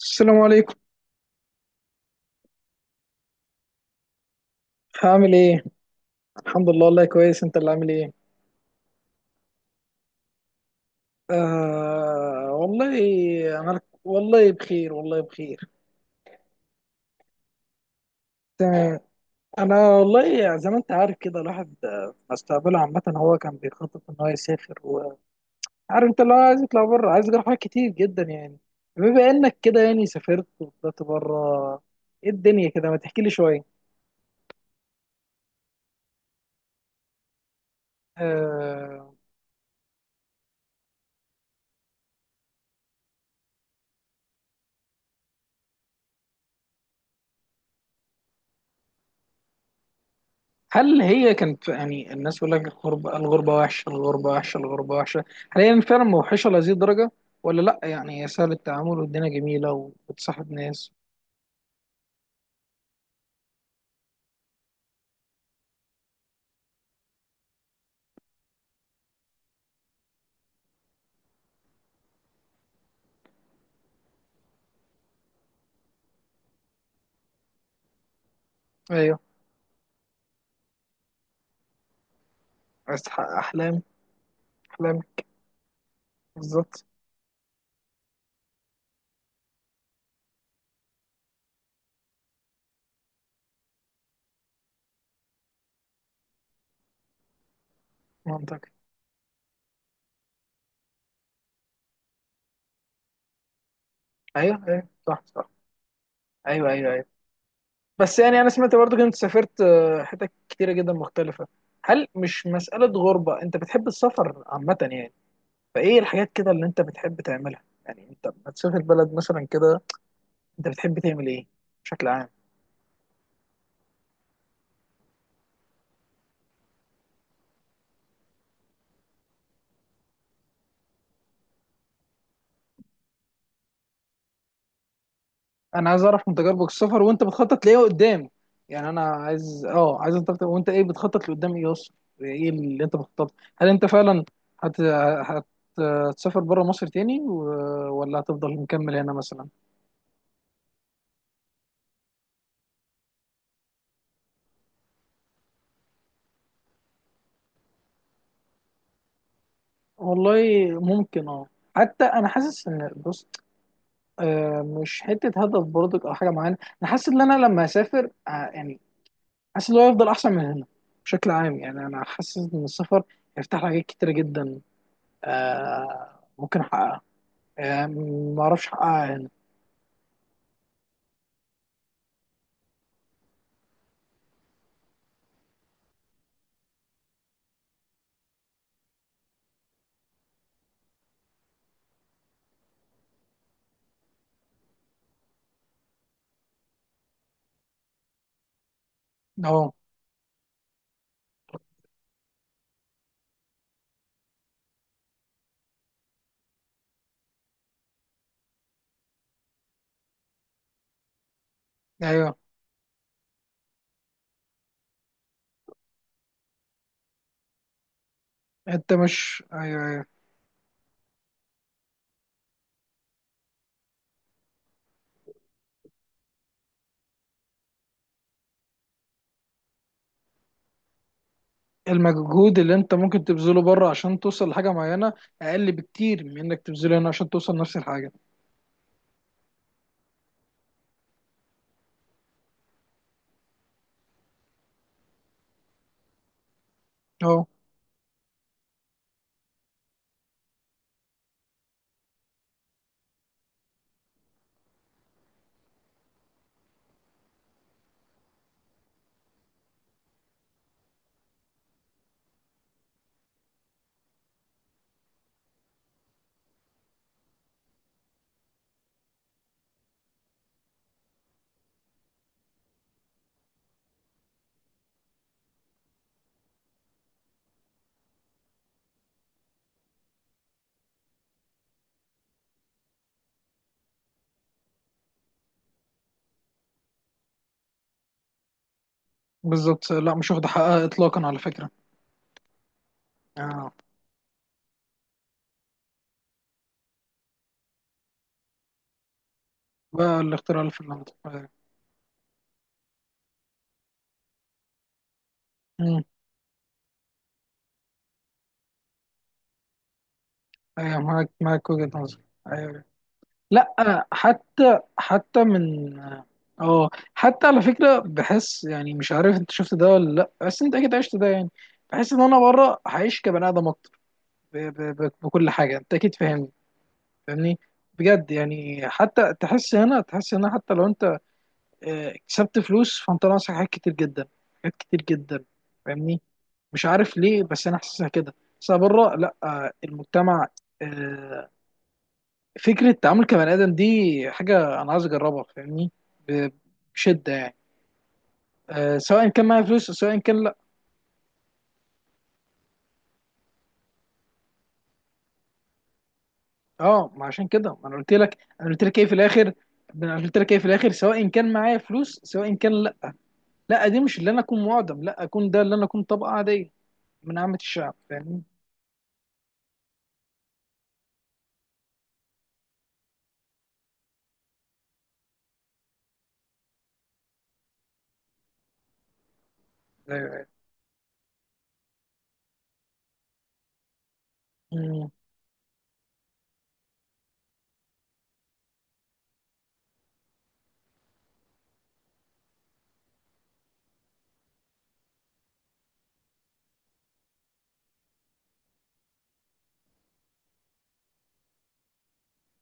السلام عليكم. عامل ايه؟ الحمد لله، والله كويس. انت اللي عامل ايه؟ آه والله، والله بخير، والله بخير. تمام. انا والله زي ما انت عارف كده الواحد مستقبله عامه، هو كان بيخطط ان هو يسافر، وعارف انت لو عايز يطلع بره، عايز يجرب حاجات كتير جدا يعني. بما انك كده يعني سافرت وطلعت بره، ايه الدنيا كده؟ ما تحكي لي شويه. آه، هل هي كانت يعني الناس بيقول لك الغربة الغربة وحشة، الغربة وحشة، الغربة وحشة؟ هل هي فعلا موحشة لهذه الدرجة؟ ولا لأ؟ يعني هي سهل التعامل والدنيا جميلة، وبتصاحب ناس. أيوه. عايز تحقق أحلام. أحلام. بالظبط. منطقي. أيوه، أيوه، صح، صح. أيوه، أيوه، أيوه. بس يعني أنا سمعت برضه كنت سافرت حتت كتيرة جدا مختلفة. هل مش مسألة غربة؟ أنت بتحب السفر عامة يعني؟ فإيه الحاجات كده اللي أنت بتحب تعملها؟ يعني أنت لما تسافر بلد مثلا كده، أنت بتحب تعمل إيه بشكل عام؟ انا عايز اعرف من تجاربك السفر، وانت بتخطط لايه قدام. يعني انا عايز عايز، انت ايه بتخطط لقدام ايه اصلا؟ ايه اللي انت بتخطط؟ هل انت فعلا هت... هت- هتسافر بره مصر تاني ولا هتفضل مكمل هنا مثلا؟ والله ممكن اه حتى انا حاسس ان، بص، مش حته هدف برضك او حاجه معينه. انا حاسس ان انا لما اسافر، يعني، حاسس ان هو هيفضل احسن من هنا بشكل عام. يعني انا حاسس ان السفر هيفتح لي حاجات كتيره جدا، ممكن احققها. ما اعرفش حقها يعني. اهو. ايوه. انت مش ايوه، ايوه. المجهود اللي انت ممكن تبذله بره عشان توصل لحاجه معينه اقل بكتير من انك تبذله هنا عشان توصل نفس الحاجه. اهو. بالظبط. لا، مش واخده حقها اطلاقا على فكره. اه، بقى الاختراع الفنلندي، ايوه. مم. أيوة، معاك، معاك وجهه نظر. ايوه. لا. حتى حتى من اه حتى على فكره، بحس يعني مش عارف انت شفت ده ولا لا، بس انت اكيد عشت ده يعني. بحس ان انا بره هعيش كبني ادم بكل حاجه، انت اكيد فاهمني. فاهمني. بجد يعني، حتى تحس هنا، تحس هنا، حتى لو انت كسبت فلوس، فانت ناقصك حاجات كتير جدا. حاجات كتير جدا. فاهمني. مش عارف ليه بس انا حاسسها كده. بس أنا بره، لا، المجتمع، آه، فكره التعامل كبني ادم دي، حاجه انا عايز اجربها. فاهمني. ب- بشده يعني، سواء كان معايا فلوس أو سواء كان لا. اه، ما عشان كده ما انا قلت لك ايه في الاخر. انا قلت لك ايه في الاخر؟ سواء كان معايا فلوس سواء كان لا، لا، دي مش اللي انا اكون معدم، لا، اكون ده اللي انا اكون طبقه عاديه من عامه الشعب. فاهمني. ايوه. أمم.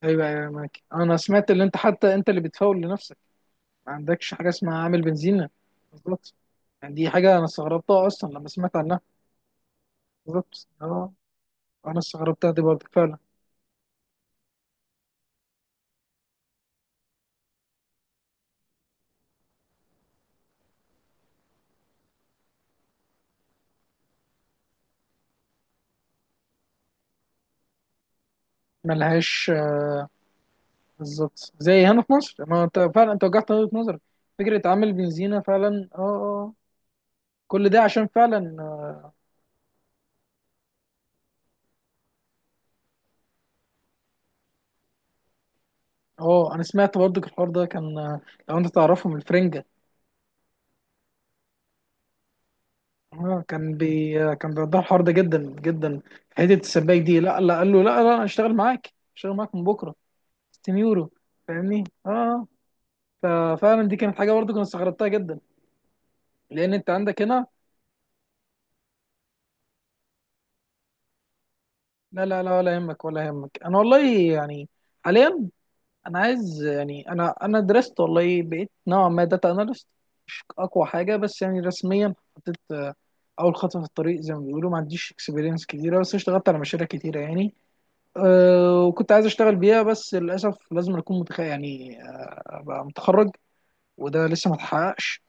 ايوه، ايوه، معاك. انا سمعت اللي انت، حتى انت اللي بتفاول لنفسك، ما عندكش حاجه اسمها عامل بنزينه. بالظبط. يعني دي حاجه انا استغربتها اصلا لما سمعت عنها. بالظبط، اه. انا استغربتها دي برضه فعلا. ملهاش. بالظبط، زي هنا في مصر، ما انت فعلا انت وجهت وجهه نظرك. فكره عامل بنزينه فعلا اه كل ده عشان فعلا اه انا سمعت برضه الحوار ده كان. لو انت تعرفهم الفرنجه. اه، كان بيوضح الحوار ده جدا جدا. في حته السباك دي، لا، لا، قال له، لا، لا، انا اشتغل معاك، اشتغل معاك من بكره، 60 يورو. فاهمني. ففعلا دي كانت حاجه برضه كنت استغربتها جدا، لان انت عندك هنا. لا، لا، لا، ولا يهمك، ولا يهمك، انا والله يعني حاليا انا عايز، يعني، انا درست والله، بقيت نوعا ما داتا اناليست، مش اقوى حاجه، بس يعني رسميا حطيت، اول خطوه في الطريق زي ما بيقولوا، ما عنديش اكسبيرينس كتيره، بس اشتغلت على مشاريع كتيره يعني. وكنت عايز اشتغل بيها بس للاسف لازم اكون يعني ابقى متخرج، وده لسه ما اتحققش.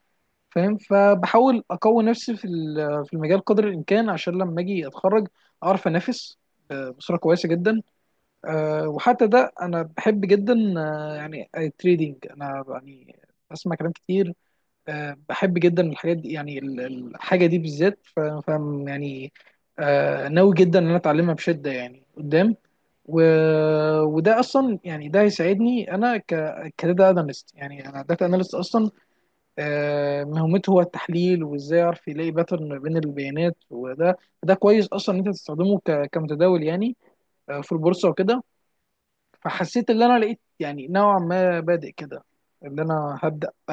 فاهم، فبحاول اقوي نفسي في المجال قدر الامكان عشان لما اجي اتخرج اعرف انافس بصوره كويسه جدا. وحتى ده انا بحب جدا. يعني التريدينج، انا يعني بسمع كلام كتير، بحب جدا الحاجات دي، يعني الحاجه دي بالذات، فاهم يعني. ناوي جدا ان انا اتعلمها بشده يعني قدام، و... وده اصلا يعني ده هيساعدني انا كداتا اناليست. يعني انا داتا اناليست اصلا، مهمته هو التحليل، وازاي اعرف يلاقي باترن ما بين البيانات. وده، ده كويس اصلا ان انت تستخدمه كمتداول يعني، في البورصه وكده. فحسيت ان انا لقيت يعني نوعا ما بادئ كده، ان انا هبدا اه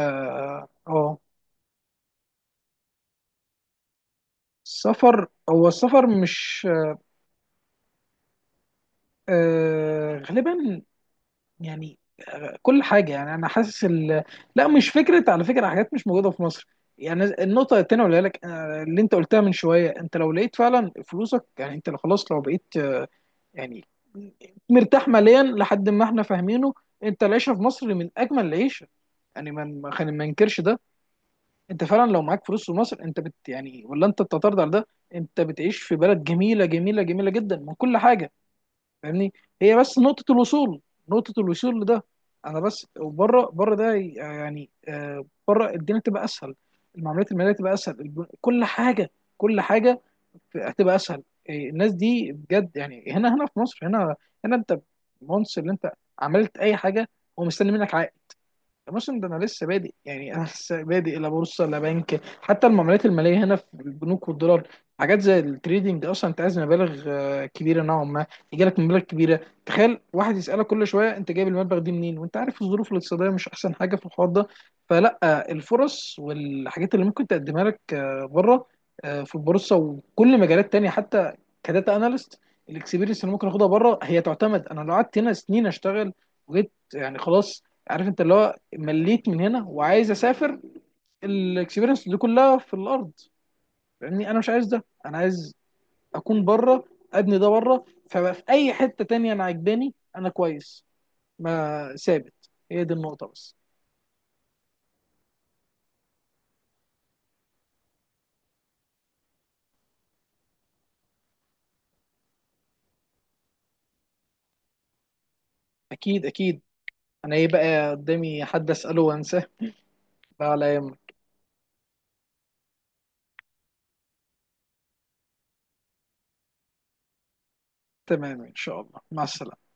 آه، آه، السفر، هو السفر مش غالبا. يعني كل حاجة، يعني أنا حاسس لا، مش فكرة على فكرة حاجات مش موجودة في مصر. يعني النقطة التانية اللي لك آه، اللي أنت قلتها من شوية، أنت لو لقيت فعلا فلوسك، يعني أنت لو خلاص، لو بقيت، يعني مرتاح ماليا لحد ما احنا فاهمينه، أنت العيشة في مصر من أجمل العيشة، يعني ما خلينا ما ننكرش ده. أنت فعلا لو معاك فلوس في مصر، أنت بت يعني، ولا أنت بتعترض على ده؟ أنت بتعيش في بلد جميلة، جميلة، جميلة جدا، من كل حاجة. فاهمني. هي بس نقطة الوصول، نقطة الوصول لده، انا بس. وبره، بره ده يعني بره الدنيا تبقى اسهل، المعاملات المالية تبقى اسهل، كل حاجة، كل حاجة هتبقى اسهل. إيه، الناس دي بجد، يعني هنا، هنا في مصر، هنا، هنا انت مونس اللي انت عملت اي حاجة هو مستني منك عائد. الموسم ده انا لسه بادئ، يعني انا لسه بادئ، لا بورصه لا بنك، حتى المعاملات الماليه هنا في البنوك والدولار. حاجات زي التريدينج اصلا انت عايز مبالغ كبيره نوعا ما، يجي لك مبالغ كبيره، تخيل واحد يسالك كل شويه انت جايب المبلغ دي منين، وانت عارف الظروف الاقتصاديه مش احسن حاجه في الحوار ده. فلا، الفرص والحاجات اللي ممكن تقدمها لك بره، في البورصه وكل مجالات تانية، حتى كداتا اناليست، الاكسبيرينس اللي ممكن اخدها بره هي تعتمد. انا لو قعدت هنا سنين اشتغل وجيت يعني خلاص، عارف انت اللي هو مليت من هنا وعايز اسافر، الاكسبيرينس دي كلها في الارض. فاهمني انا مش عايز ده، انا عايز اكون بره، ابني ده بره، فبقى في اي حته تانية انا عجباني انا كويس، ما ثابت هي دي النقطه بس. اكيد، اكيد، انا ايه بقى قدامي حد اساله وانساه، لا، على يهمك. تمام، ان شاء الله، مع السلامه.